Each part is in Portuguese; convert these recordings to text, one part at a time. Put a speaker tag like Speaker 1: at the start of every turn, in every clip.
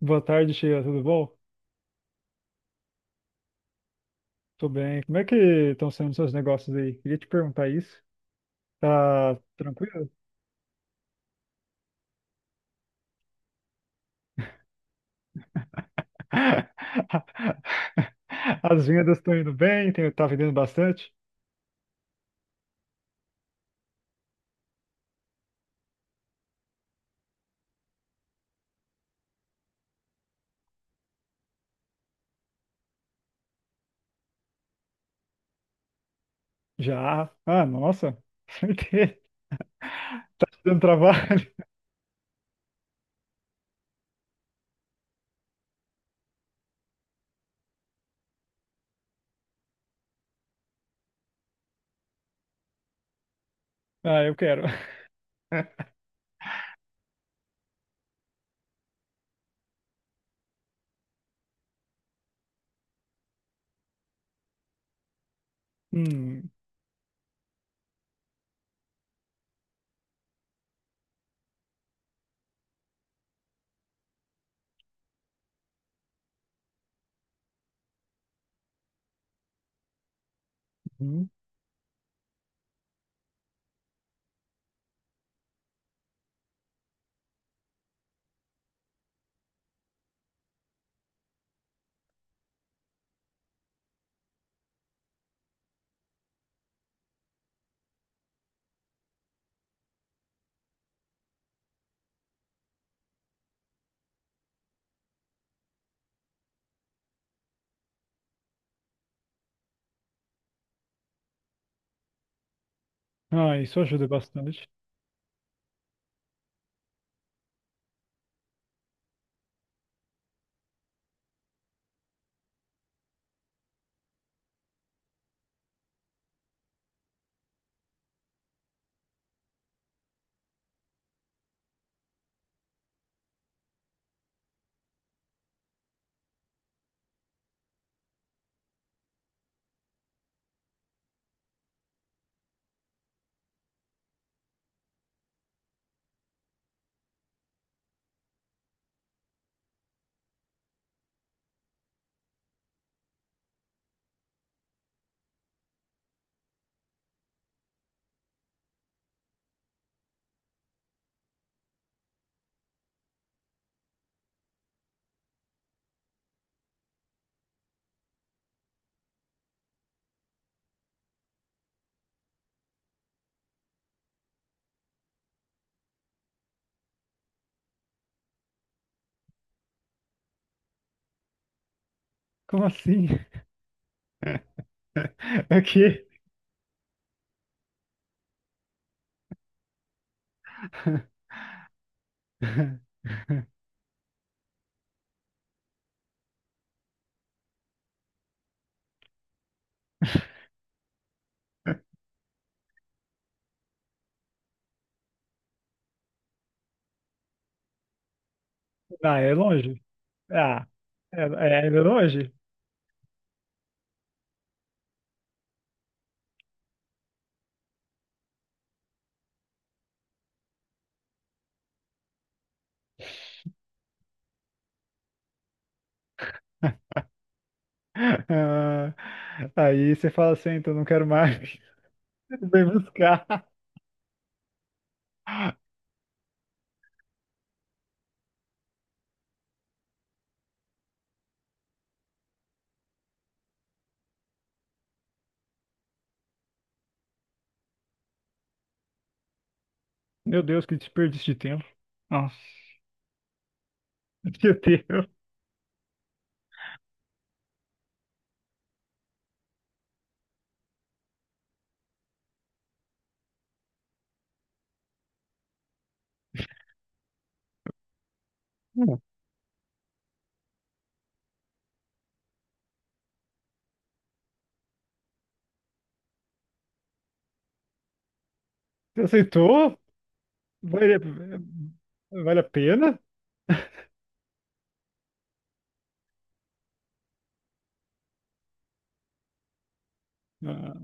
Speaker 1: Boa tarde, Sheila. Tudo bom? Tô bem. Como é que estão sendo seus negócios aí? Queria te perguntar isso. Tá tranquilo? As vendas estão indo bem? Tem, tá vendendo bastante? Já. Ah, nossa. Certeza. Tá te dando trabalho? Ah, eu quero. Hum, hum. Ah, isso ajuda bastante. Como assim? Aqui. Ah, é longe? Ah, é, é longe? Ah, aí você fala assim, então não quero mais. Vem buscar. Meu Deus, que desperdício de tempo. Nossa, meu Deus. Você aceitou? Vale, vale a pena? Ah,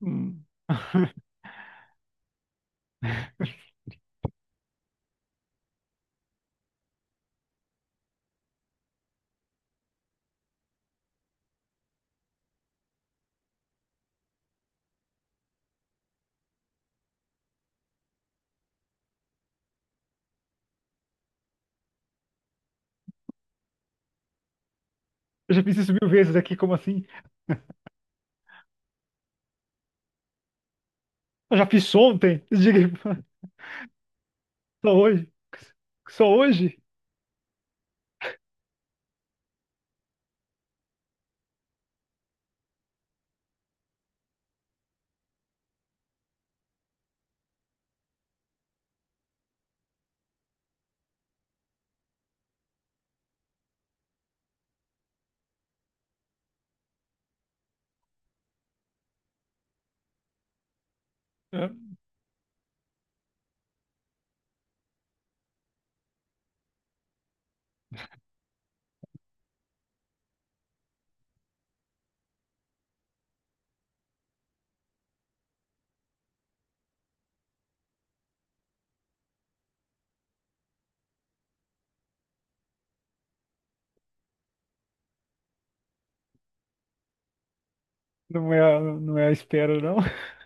Speaker 1: hum. Eu já fiz isso mil vezes aqui, como assim? Eu já fiz ontem. Diga, só hoje. Só hoje? Ah, não é, não é a espera, não.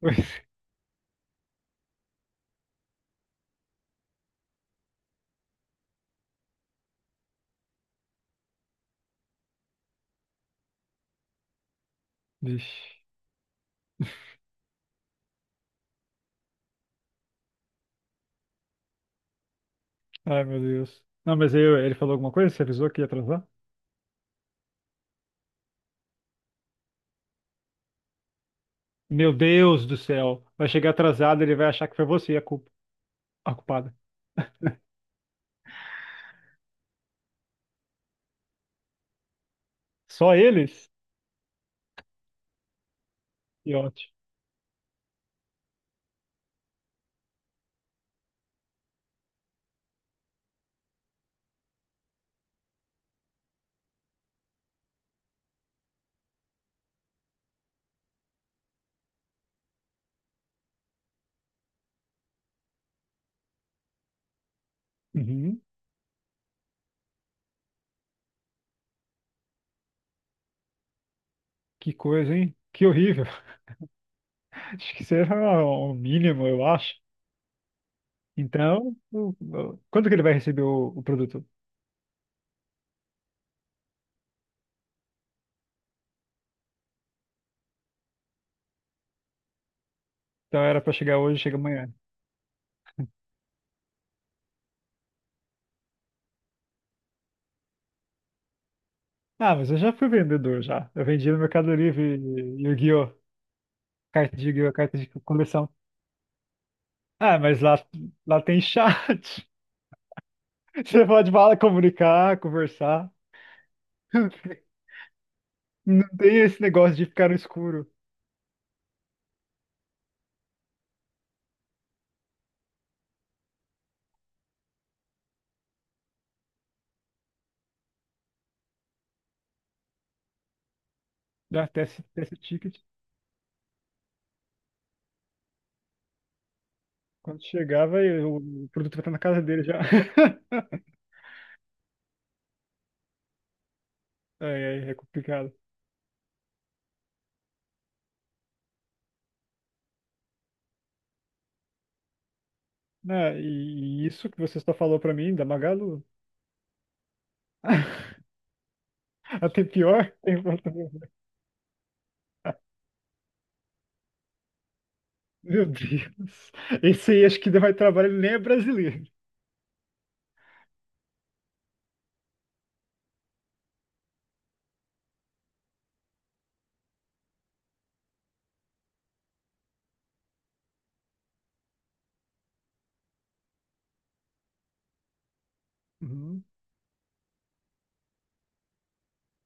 Speaker 1: Pois, vixe. Ai, meu Deus. Não, mas aí ele falou alguma coisa? Você avisou que ia atrasar? Meu Deus do céu. Vai chegar atrasado, ele vai achar que foi você a culpada. Só eles? Que ótimo. Uhum. Que coisa, hein? Que horrível. Acho que será o mínimo, eu acho. Então, quando que ele vai receber o produto? Então era para chegar hoje, chega amanhã. Ah, mas eu já fui vendedor já. Eu vendi no Mercado Livre Yu-Gi-Oh! Carta de Yu-Gi-Oh! Carta de coleção. Ah, mas lá, lá tem chat. Você pode falar, comunicar, conversar. Não tem esse negócio de ficar no escuro. Já teste, teste ticket. Quando chegava, o produto vai estar na casa dele já. É, é, é complicado. Né, e isso que você só falou pra mim, da Magalu. Até pior. Meu Deus. Esse aí acho que deu mais trabalho, ele nem é brasileiro. Uhum.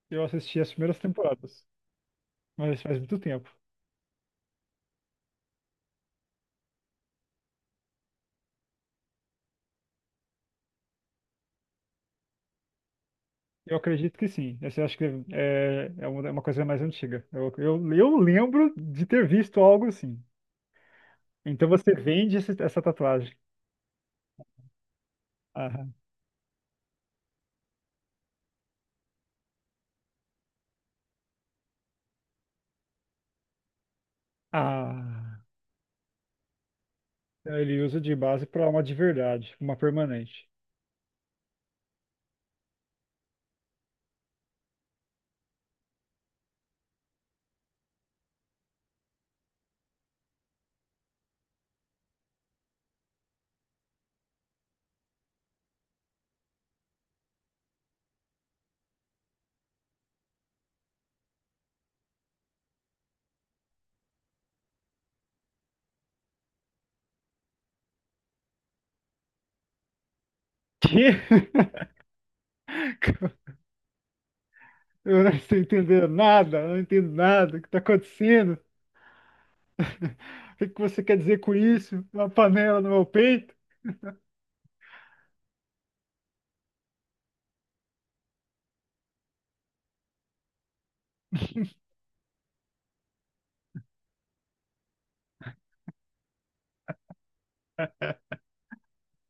Speaker 1: Eu assisti as primeiras temporadas, mas faz muito tempo. Eu acredito que sim. Essa eu acho que é, é uma coisa mais antiga. Eu lembro de ter visto algo assim. Então você vende essa tatuagem. Ah, ele usa de base para uma de verdade, uma permanente. Que? Eu não estou entendendo nada, eu não entendo nada. O que está acontecendo? O que que você quer dizer com isso? Uma panela no meu peito?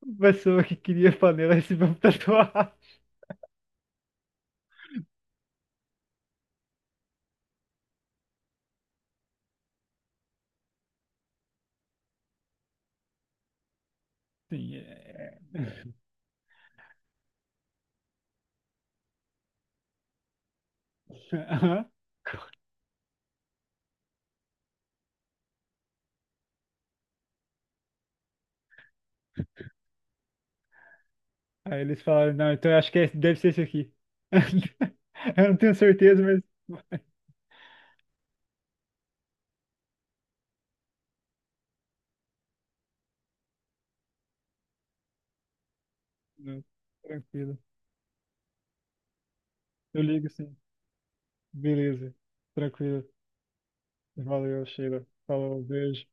Speaker 1: A pessoa que queria panela recebeu uma tatuagem. Sim, é. Aham. Aí eles falaram, não, então eu acho que deve ser isso aqui. Eu não tenho certeza, mas. Não, tranquilo. Eu ligo sim. Beleza. Tranquilo. Valeu, Sheila. Falou, beijo.